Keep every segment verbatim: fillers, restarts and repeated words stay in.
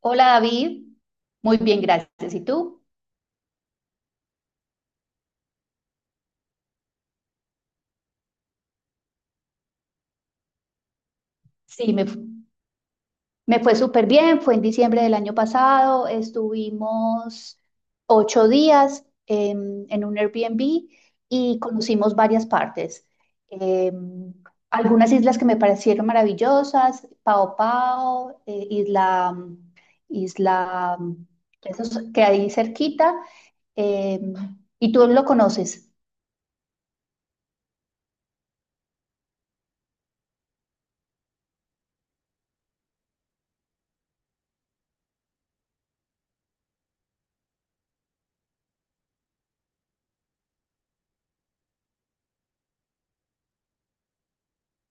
Hola David, muy bien, gracias. ¿Y tú? Sí, me, fu- me fue súper bien, fue en diciembre del año pasado, estuvimos ocho días em, en un Airbnb y conocimos varias partes. Em, Algunas islas que me parecieron maravillosas, Pao Pao, eh, Isla, isla, esos que hay cerquita, em, y tú lo conoces.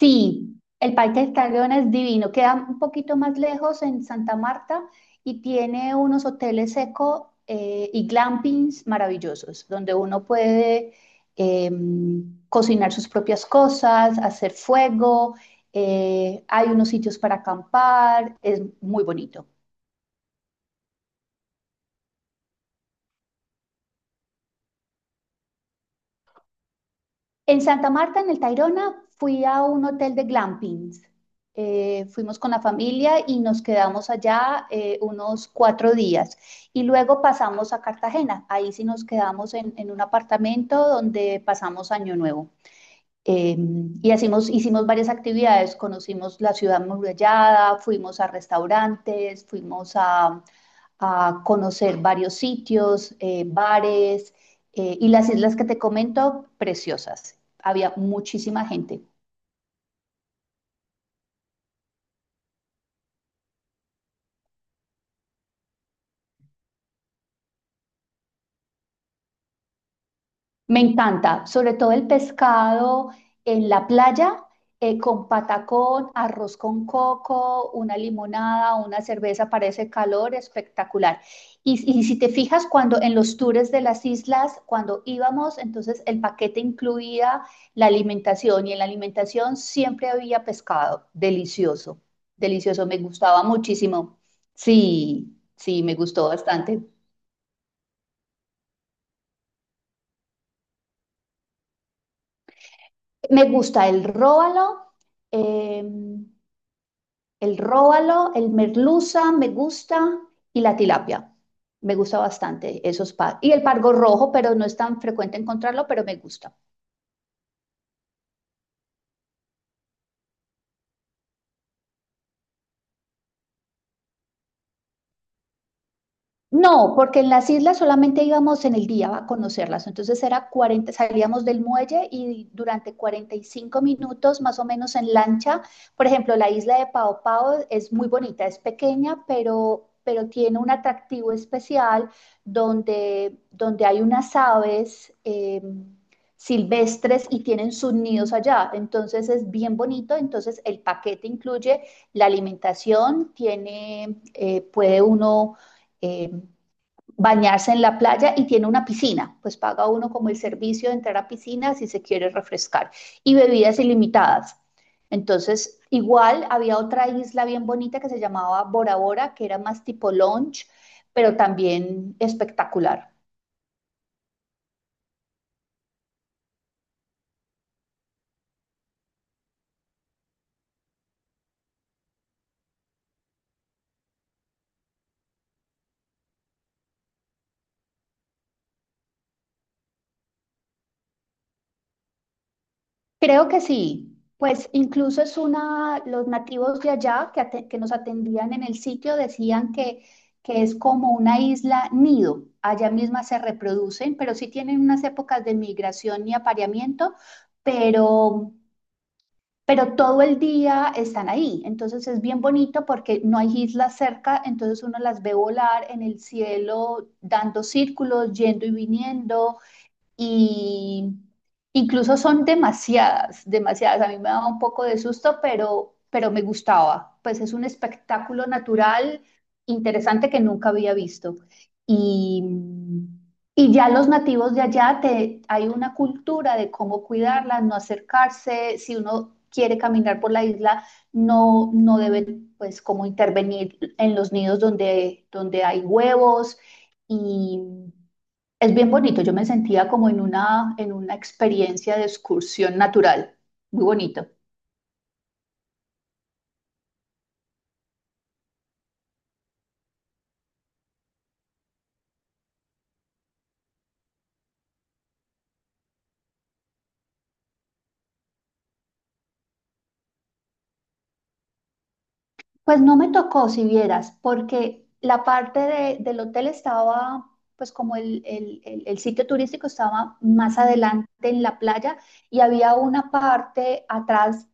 Sí, el Parque del Tayrona es divino. Queda un poquito más lejos en Santa Marta y tiene unos hoteles seco eh, y glampings maravillosos, donde uno puede eh, cocinar sus propias cosas, hacer fuego, eh, hay unos sitios para acampar, es muy bonito. En Santa Marta, en el Tayrona, fui a un hotel de glampings. Eh, fuimos con la familia y nos quedamos allá eh, unos cuatro días. Y luego pasamos a Cartagena. Ahí sí nos quedamos en, en un apartamento donde pasamos Año Nuevo. Eh, y hacimos, hicimos varias actividades. Conocimos la ciudad murallada, fuimos a restaurantes, fuimos a a conocer varios sitios, eh, bares, eh, y las islas que te comento, preciosas. Había muchísima gente. Me encanta, sobre todo el pescado en la playa, eh, con patacón, arroz con coco, una limonada, una cerveza para ese calor, espectacular. Y, y si te fijas, cuando en los tours de las islas, cuando íbamos, entonces el paquete incluía la alimentación y en la alimentación siempre había pescado, delicioso, delicioso, me gustaba muchísimo. Sí, sí, me gustó bastante. Me gusta el róbalo. em, El róbalo, el merluza, me gusta y la tilapia. Me gusta bastante esos par. Y el pargo rojo, pero no es tan frecuente encontrarlo, pero me gusta. No, porque en las islas solamente íbamos en el día a conocerlas. Entonces era cuarenta, salíamos del muelle y durante cuarenta y cinco minutos más o menos en lancha. Por ejemplo, la isla de Pao Pao es muy bonita, es pequeña, pero, pero tiene un atractivo especial donde, donde hay unas aves eh, silvestres y tienen sus nidos allá. Entonces es bien bonito. Entonces el paquete incluye la alimentación, tiene, eh, puede uno eh, bañarse en la playa y tiene una piscina, pues paga uno como el servicio de entrar a piscina si se quiere refrescar y bebidas ilimitadas. Entonces, igual había otra isla bien bonita que se llamaba Bora Bora, que era más tipo lounge, pero también espectacular. Creo que sí. Pues incluso es una, los nativos de allá que, ate- que nos atendían en el sitio decían que, que es como una isla nido. Allá misma se reproducen, pero sí tienen unas épocas de migración y apareamiento, pero, pero todo el día están ahí. Entonces es bien bonito porque no hay islas cerca, entonces uno las ve volar en el cielo, dando círculos, yendo y viniendo y incluso son demasiadas, demasiadas. A mí me daba un poco de susto, pero, pero me gustaba. Pues es un espectáculo natural interesante que nunca había visto. Y, y ya los nativos de allá, te, hay una cultura de cómo cuidarlas, no acercarse. Si uno quiere caminar por la isla, no, no debe pues como intervenir en los nidos donde, donde hay huevos. Y es bien bonito, yo me sentía como en una, en una experiencia de excursión natural, muy bonito. Pues no me tocó, si vieras, porque la parte de- del hotel estaba, pues como el, el- el- el sitio turístico estaba más adelante en la playa y había una parte atrás,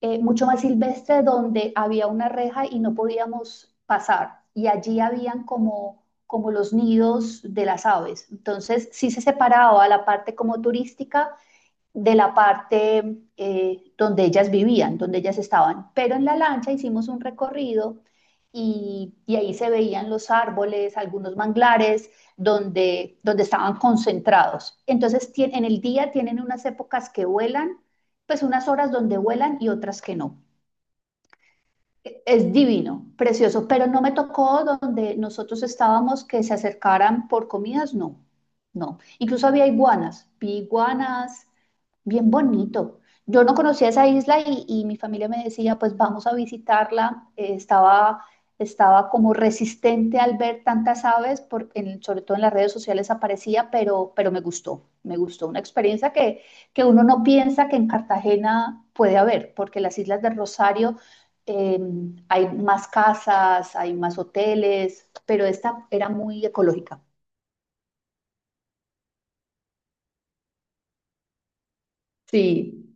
eh, mucho más silvestre, donde había una reja y no podíamos pasar. Y allí habían como, como los nidos de las aves. Entonces sí se separaba la parte como turística de la parte, eh, donde ellas vivían, donde ellas estaban. Pero en la lancha hicimos un recorrido y, y ahí se veían los árboles, algunos manglares, donde, donde estaban concentrados. Entonces, tien- en el día tienen unas épocas que vuelan, pues unas horas donde vuelan y otras que no. Es divino, precioso, pero no me tocó donde nosotros estábamos que se acercaran por comidas, no, no. Incluso había iguanas, vi iguanas, bien bonito. Yo no conocía esa isla y, y mi familia me decía, pues vamos a visitarla. Eh, estaba, estaba como resistente al ver tantas aves, por- en- sobre todo en las redes sociales aparecía, pero, pero me gustó, me gustó. Una experiencia que, que uno no piensa que en Cartagena puede haber, porque las islas de Rosario, eh, hay más casas, hay más hoteles, pero esta era muy ecológica. Sí.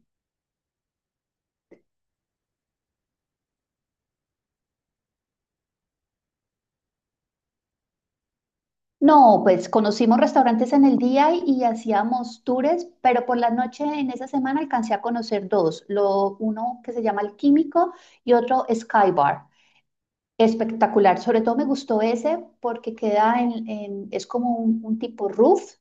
No, pues conocimos restaurantes en el día y, y hacíamos tours, pero por la noche en esa semana alcancé a conocer dos, lo, uno que se llama El Químico y otro Sky Bar. Espectacular, sobre todo me gustó ese porque queda en, en- es como un, un tipo roof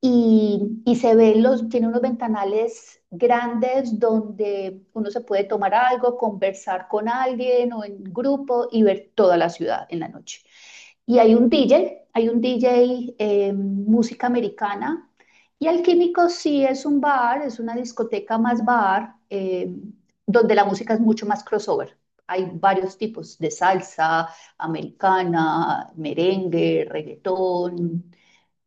y, y se ven los, tiene unos ventanales grandes donde uno se puede tomar algo, conversar con alguien o en grupo y ver toda la ciudad en la noche. Y hay un D J, hay un D J eh, música americana. Y Alquímico sí es un bar, es una discoteca más bar, eh, donde la música es mucho más crossover. Hay varios tipos de salsa, americana, merengue, reggaetón,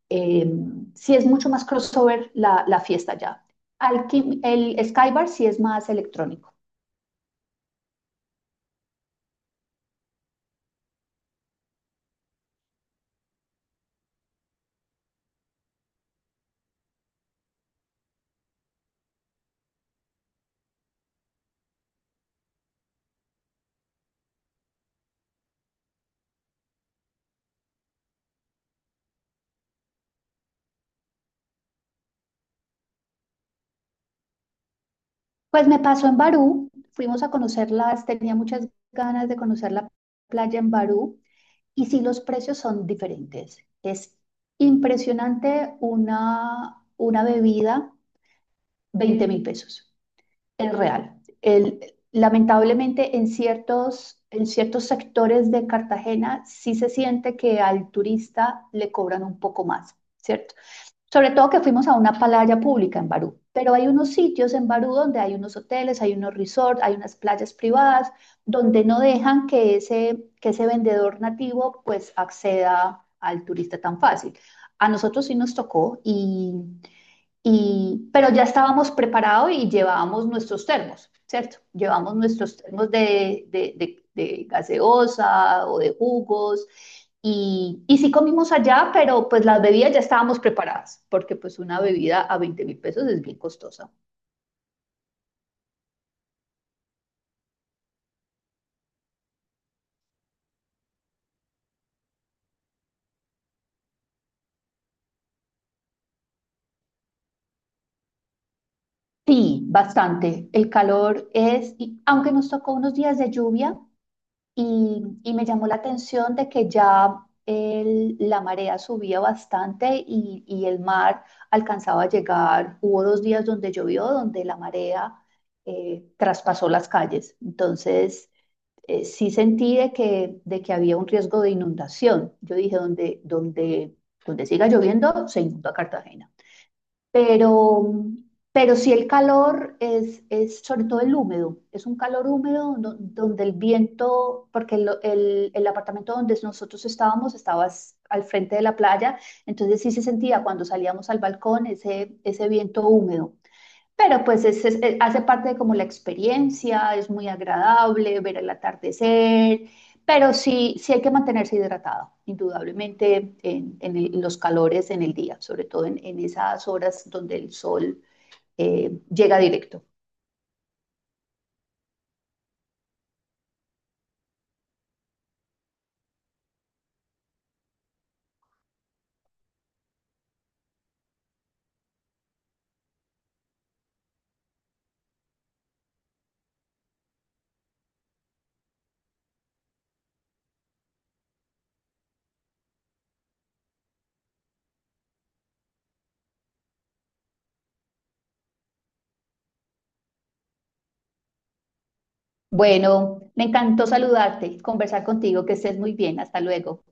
eh, sí es mucho más crossover la, la fiesta ya. Alquim- el Skybar sí es más electrónico. Pues me pasó en Barú, fuimos a conocerlas, tenía muchas ganas de conocer la playa en Barú y sí los precios son diferentes. Es impresionante una, una bebida, veinte mil pesos. Es real. El- lamentablemente, en ciertos, en ciertos sectores de Cartagena sí se siente que al turista le cobran un poco más, ¿cierto? Sobre todo que fuimos a una playa pública en Barú, pero hay unos sitios en Barú donde hay unos hoteles, hay unos resorts, hay unas playas privadas donde no dejan que ese, que ese, vendedor nativo pues acceda al turista tan fácil. A nosotros sí nos tocó y... Y, pero ya estábamos preparados y llevábamos nuestros termos, ¿cierto? Llevamos nuestros termos de, de, de- de gaseosa o de jugos. Y, y sí comimos allá, pero pues las bebidas ya estábamos preparadas, porque pues una bebida a veinte mil pesos es bien costosa. Sí, bastante. El calor es, y aunque nos tocó unos días de lluvia, Y, y me llamó la atención de que ya el- la marea subía bastante y, y el mar alcanzaba a llegar. Hubo dos días donde llovió, donde la marea, eh, traspasó las calles. Entonces, eh, sí sentí de que, de que había un riesgo de inundación. Yo dije, donde, donde, donde siga lloviendo, se inunda Cartagena. Pero, pero sí el calor es, es sobre todo el húmedo, es un calor húmedo, do- donde el viento, porque el, el- el apartamento donde nosotros estábamos estaba, s- al frente de la playa, entonces sí se sentía cuando salíamos al balcón ese, ese, viento húmedo. Pero pues es- es- eh, hace parte de como la experiencia, es muy agradable ver el atardecer, pero sí, sí hay que mantenerse hidratado, indudablemente en, en el- los calores en el día, sobre todo en, en esas horas donde el sol eh, llega directo. Bueno, me encantó saludarte, conversar contigo, que estés muy bien, hasta luego.